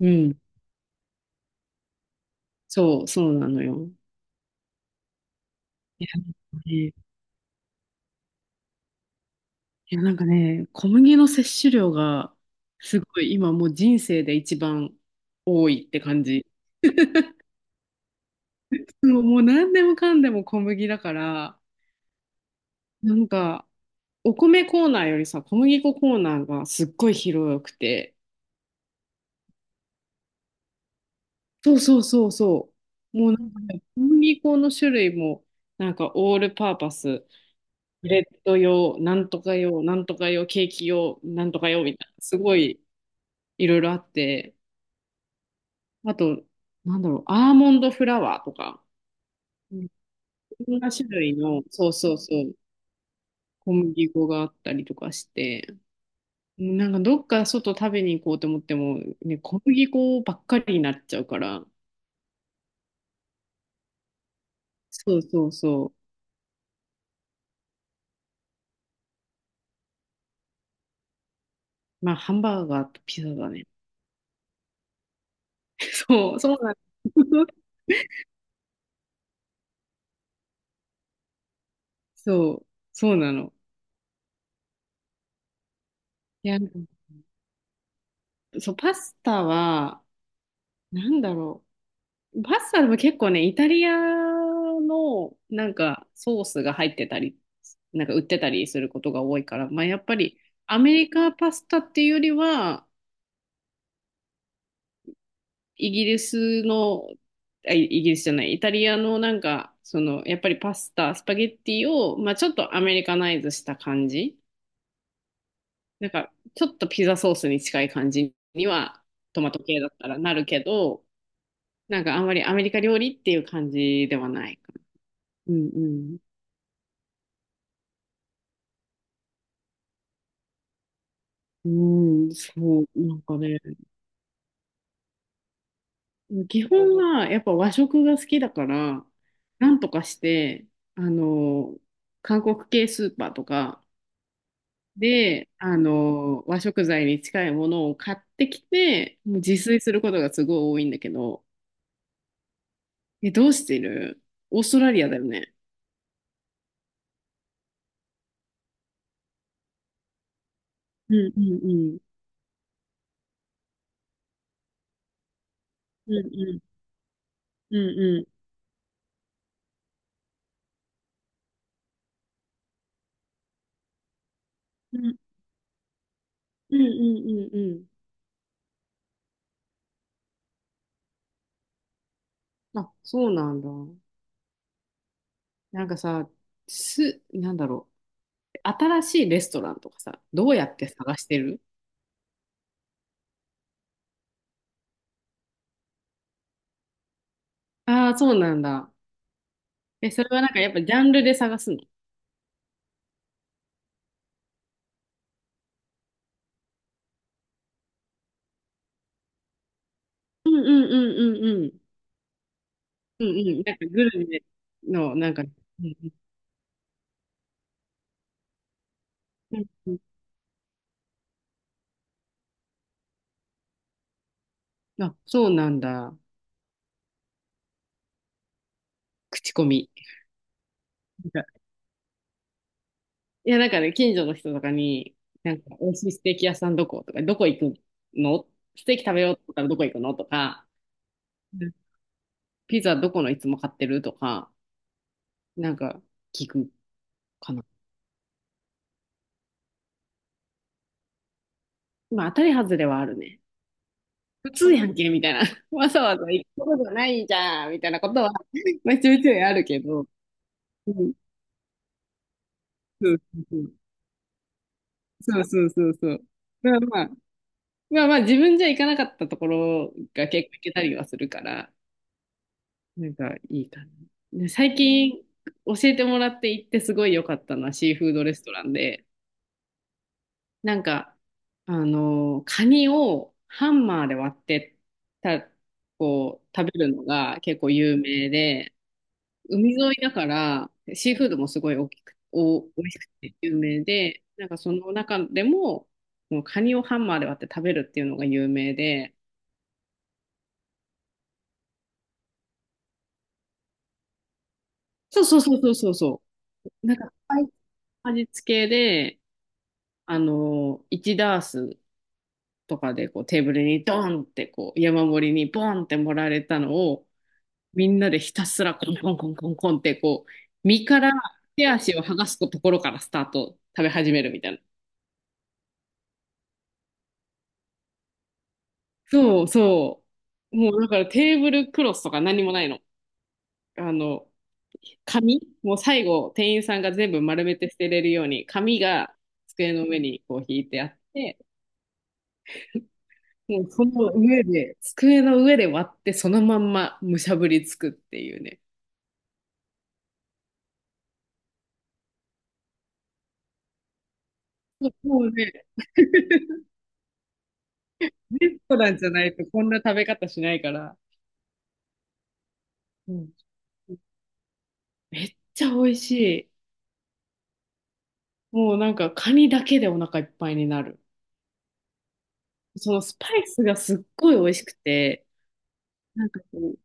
うん。そう、そうなのよ。いや、ね、なんかね、小麦の摂取量が、すごい今もう人生で一番多いって感じ。もう何でもかんでも小麦だから、なんか、お米コーナーよりさ、小麦粉コーナーがすっごい広くて、そうそうそうそう。もうなんかね、小麦粉の種類も、なんかオールパーパス、ブレッド用、なんとか用、なんとか用、ケーキ用、なんとか用みたいな、すごいいろいろあって、あと、なんだろう、アーモンドフラワーとか、うん、いろんな種類の、そうそうそう、小麦粉があったりとかして、なんかどっか外食べに行こうと思っても、ね、小麦粉ばっかりになっちゃうから、そうそうそう、まあ、ハンバーガーとピザだね。そう、そうなの。そう、そうなの。いや、そう、パスタは、なんだろう。パスタでも結構ね、イタリアのなんかソースが入ってたり、なんか売ってたりすることが多いから、まあやっぱりアメリカパスタっていうよりは、イギリスの、イギリスじゃない、イタリアのなんか、その、やっぱりパスタ、スパゲッティを、まあちょっとアメリカナイズした感じ。なんか、ちょっとピザソースに近い感じには、トマト系だったらなるけど、なんかあんまりアメリカ料理っていう感じではないかな。うんうん。うん、そう、なんかね、基本はやっぱ和食が好きだから、なんとかして、あの、韓国系スーパーとかで、あの、和食材に近いものを買ってきて、もう自炊することがすごい多いんだけど、え、どうしてる？オーストラリアだよね。うんうんうん。うんうんうんうん。うんうんうんうんうん。あ、そうなんだ。なんかさ、す、なんだろう。新しいレストランとかさ、どうやって探してる？ああー、そうなんだ。え、それはなんかやっぱジャンルで探すの？うんうんうんうんうん。うんうん。なんかグルメの、なんか、うんうんうんうん。あ、そうなんだ。口コミ。なんか、いや、なんかね、近所の人とかに、なんか、美味しいステーキ屋さんどことか、どこ行くの？ステーキ食べようと思ったらどこ行くのとか、うん、ピザどこのいつも買ってるとか、なんか、聞くかな。まあ、当たり外れはあるね。普通やんけ、みたいな。わざわざ行くことじゃないじゃん、みたいなことは、まあ、ちょいちょいあるけど。うん。そうそうそう。そうそうそうそう。だからまあ、まあまあ、自分じゃ行かなかったところが結構行けたりはするから、なんかいいかな。で最近、教えてもらって行ってすごい良かったのはシーフードレストランで、なんか、あの、カニをハンマーで割ってた、こう、食べるのが結構有名で、海沿いだから、シーフードもすごい大きく、お、美味しくて有名で、なんかその中でも、もうカニをハンマーで割って食べるっていうのが有名で、そうそうそうそうそうそう。なんか、スパイス味付けで、あの、1ダースとかでこうテーブルにドーンってこう山盛りにボーンって盛られたのを、みんなでひたすらコンコンコンコンコンってこう、身から手足を剥がすところからスタート、食べ始めるみたいな。そうそう。もうだからテーブルクロスとか何もないの。あの、紙もう最後、店員さんが全部丸めて捨てれるように、紙が机の上にこう引いてあって、もうその上で、机の上で割ってそのまんまむしゃぶりつくっていうね。そうもうね、レストランじゃないとこんな食べ方しないから、うん、めっちゃ美味しい。もうなんかカニだけでお腹いっぱいになる。そのスパイスがすっごい美味しくて、なんかこう、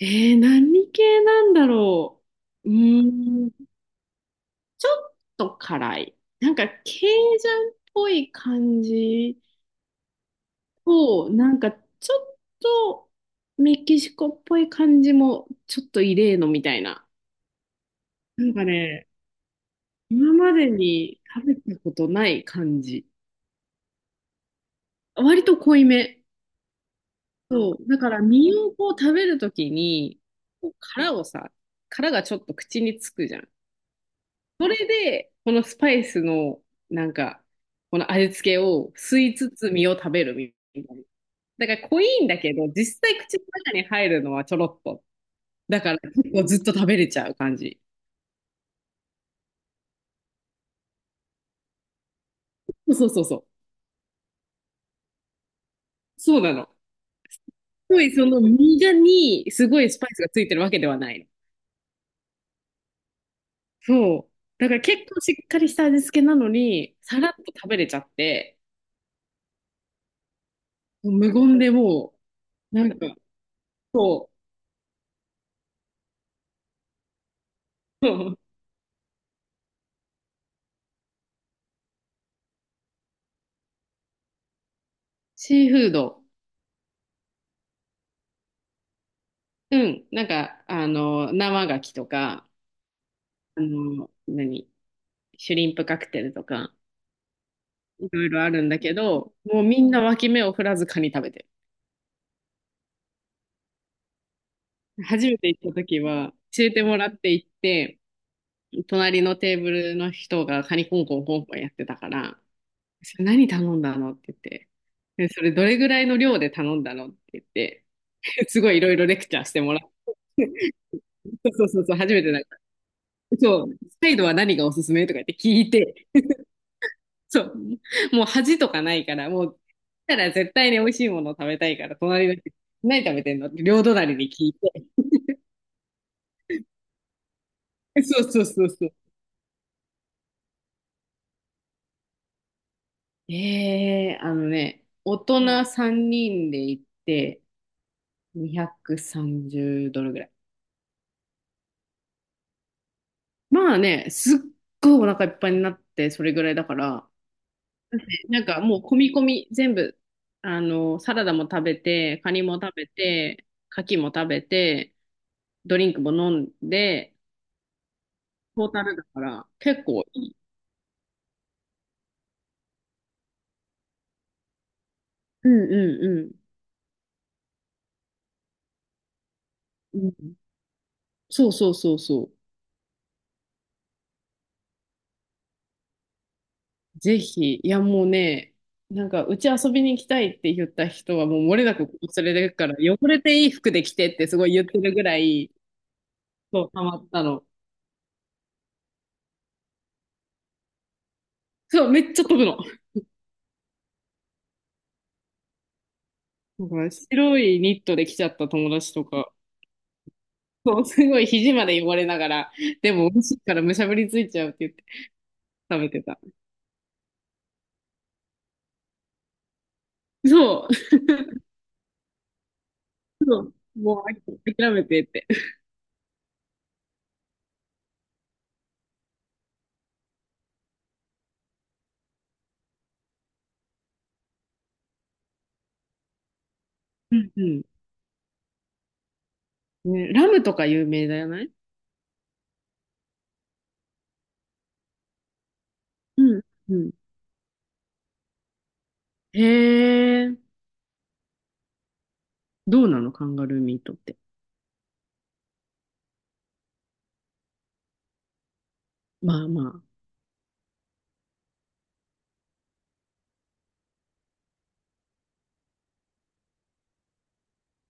えー、何系なんだろう。うーん、ちょっと辛い。なんか、ケイジャンっぽい感じと、なんか、ちょっとメキシコっぽい感じも、ちょっと異例のみたいな。なんかね、今までに食べたことない感じ。割と濃いめ。そう。だから、身をこう食べるときに、こう殻をさ、殻がちょっと口につくじゃん。それで、このスパイスの、なんか、この味付けを吸いつつ身を食べるみたいな。だから濃いんだけど、実際口の中に入るのはちょろっと。だから結構ずっと食べれちゃう感じ。そうそうそうそう。そうなの。すごいその身がにすごいスパイスがついてるわけではないの。そう。だから結構しっかりした味付けなのに、さらっと食べれちゃって、もう無言でもう、なんか、そう、シーフード、うん、なんか、あの、生牡蠣とか、あの、何、シュリンプカクテルとか、いろいろあるんだけど、もうみんな脇目を振らずカニ食べてる。初めて行った時は、教えてもらって行って、隣のテーブルの人がカニコンコンコンコンやってたから、それ何頼んだのって言って、でそれどれぐらいの量で頼んだのって言って、すごいいろいろレクチャーしてもらって、そうそうそうそう、初めてなんか、そう、サイドは何がおすすめとか言って聞いて、そう。もう恥とかないから、もう、たら絶対に美味しいものを食べたいから、隣の人、何食べてんのって両隣に聞いて。そうそうそうそう。ええあのね、大人3人で行って230ドルぐらい。まあね、すっごいお腹いっぱいになってそれぐらいだから、なんかもう込み込み全部、あの、サラダも食べて、カニも食べて、牡蠣も食べて、ドリンクも飲んで、トータルだから結構いい。うんうんうん。うん、そうそうそうそう。ぜひ、いやもうね、なんか、うち遊びに行きたいって言った人はもう漏れなくここ連れてくから、汚れていい服で着てってすごい言ってるぐらい、そう、ハマったの。そう、めっちゃ飛ぶの。なんから白いニットで来ちゃった友達とか、そう、すごい肘まで汚れながら、でも美味しいからむしゃぶりついちゃうって言って食べてた。そう、もう諦めてって。うんうん。ね、ラムとか有名だよね。うんうん。へえ。どうなのカンガルーミートって。まあま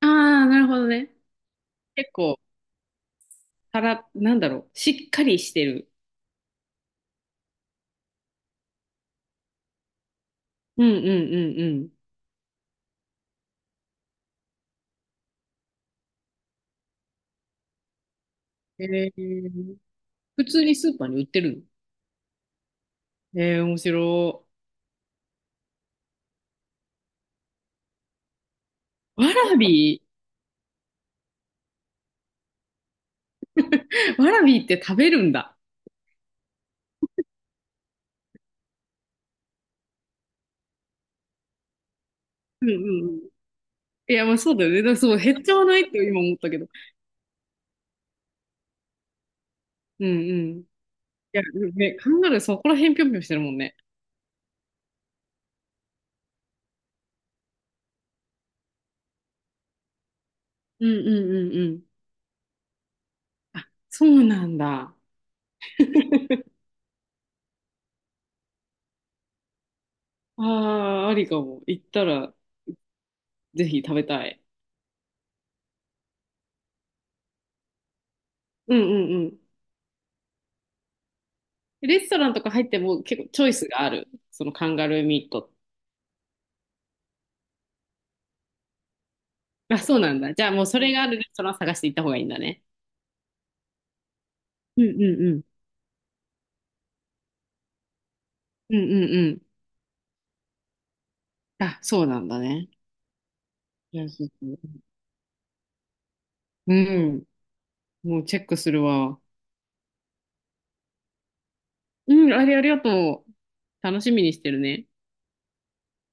あ、ああ、なるほどね。結構、たら、なんだろう。しっかりしてる。うんうんうんうん。えー、普通にスーパーに売ってるの？えー、面白い。わらび、わらびって食べるんだ。うん。うんうんうん。いや、まあそうだよね。だからそう、減っちゃわないって今思ったけど。うんうん。いや、ね、カンガルーそこら辺ぴょんぴょんしてるもんね。うんうんうんうん。あ、そうなんだ。ああ、ありかも。行ったら、ぜひ食べたい。うんうんうん。レストランとか入っても結構チョイスがある。そのカンガルーミート。あ、そうなんだ。じゃあもうそれがあるレストラン探して行った方がいいんだね。うんうんうん。うんうんうん。あ、そうなんだね。いやそうそう、うん。もうチェックするわ。うん、あれありがとう。楽しみにしてるね。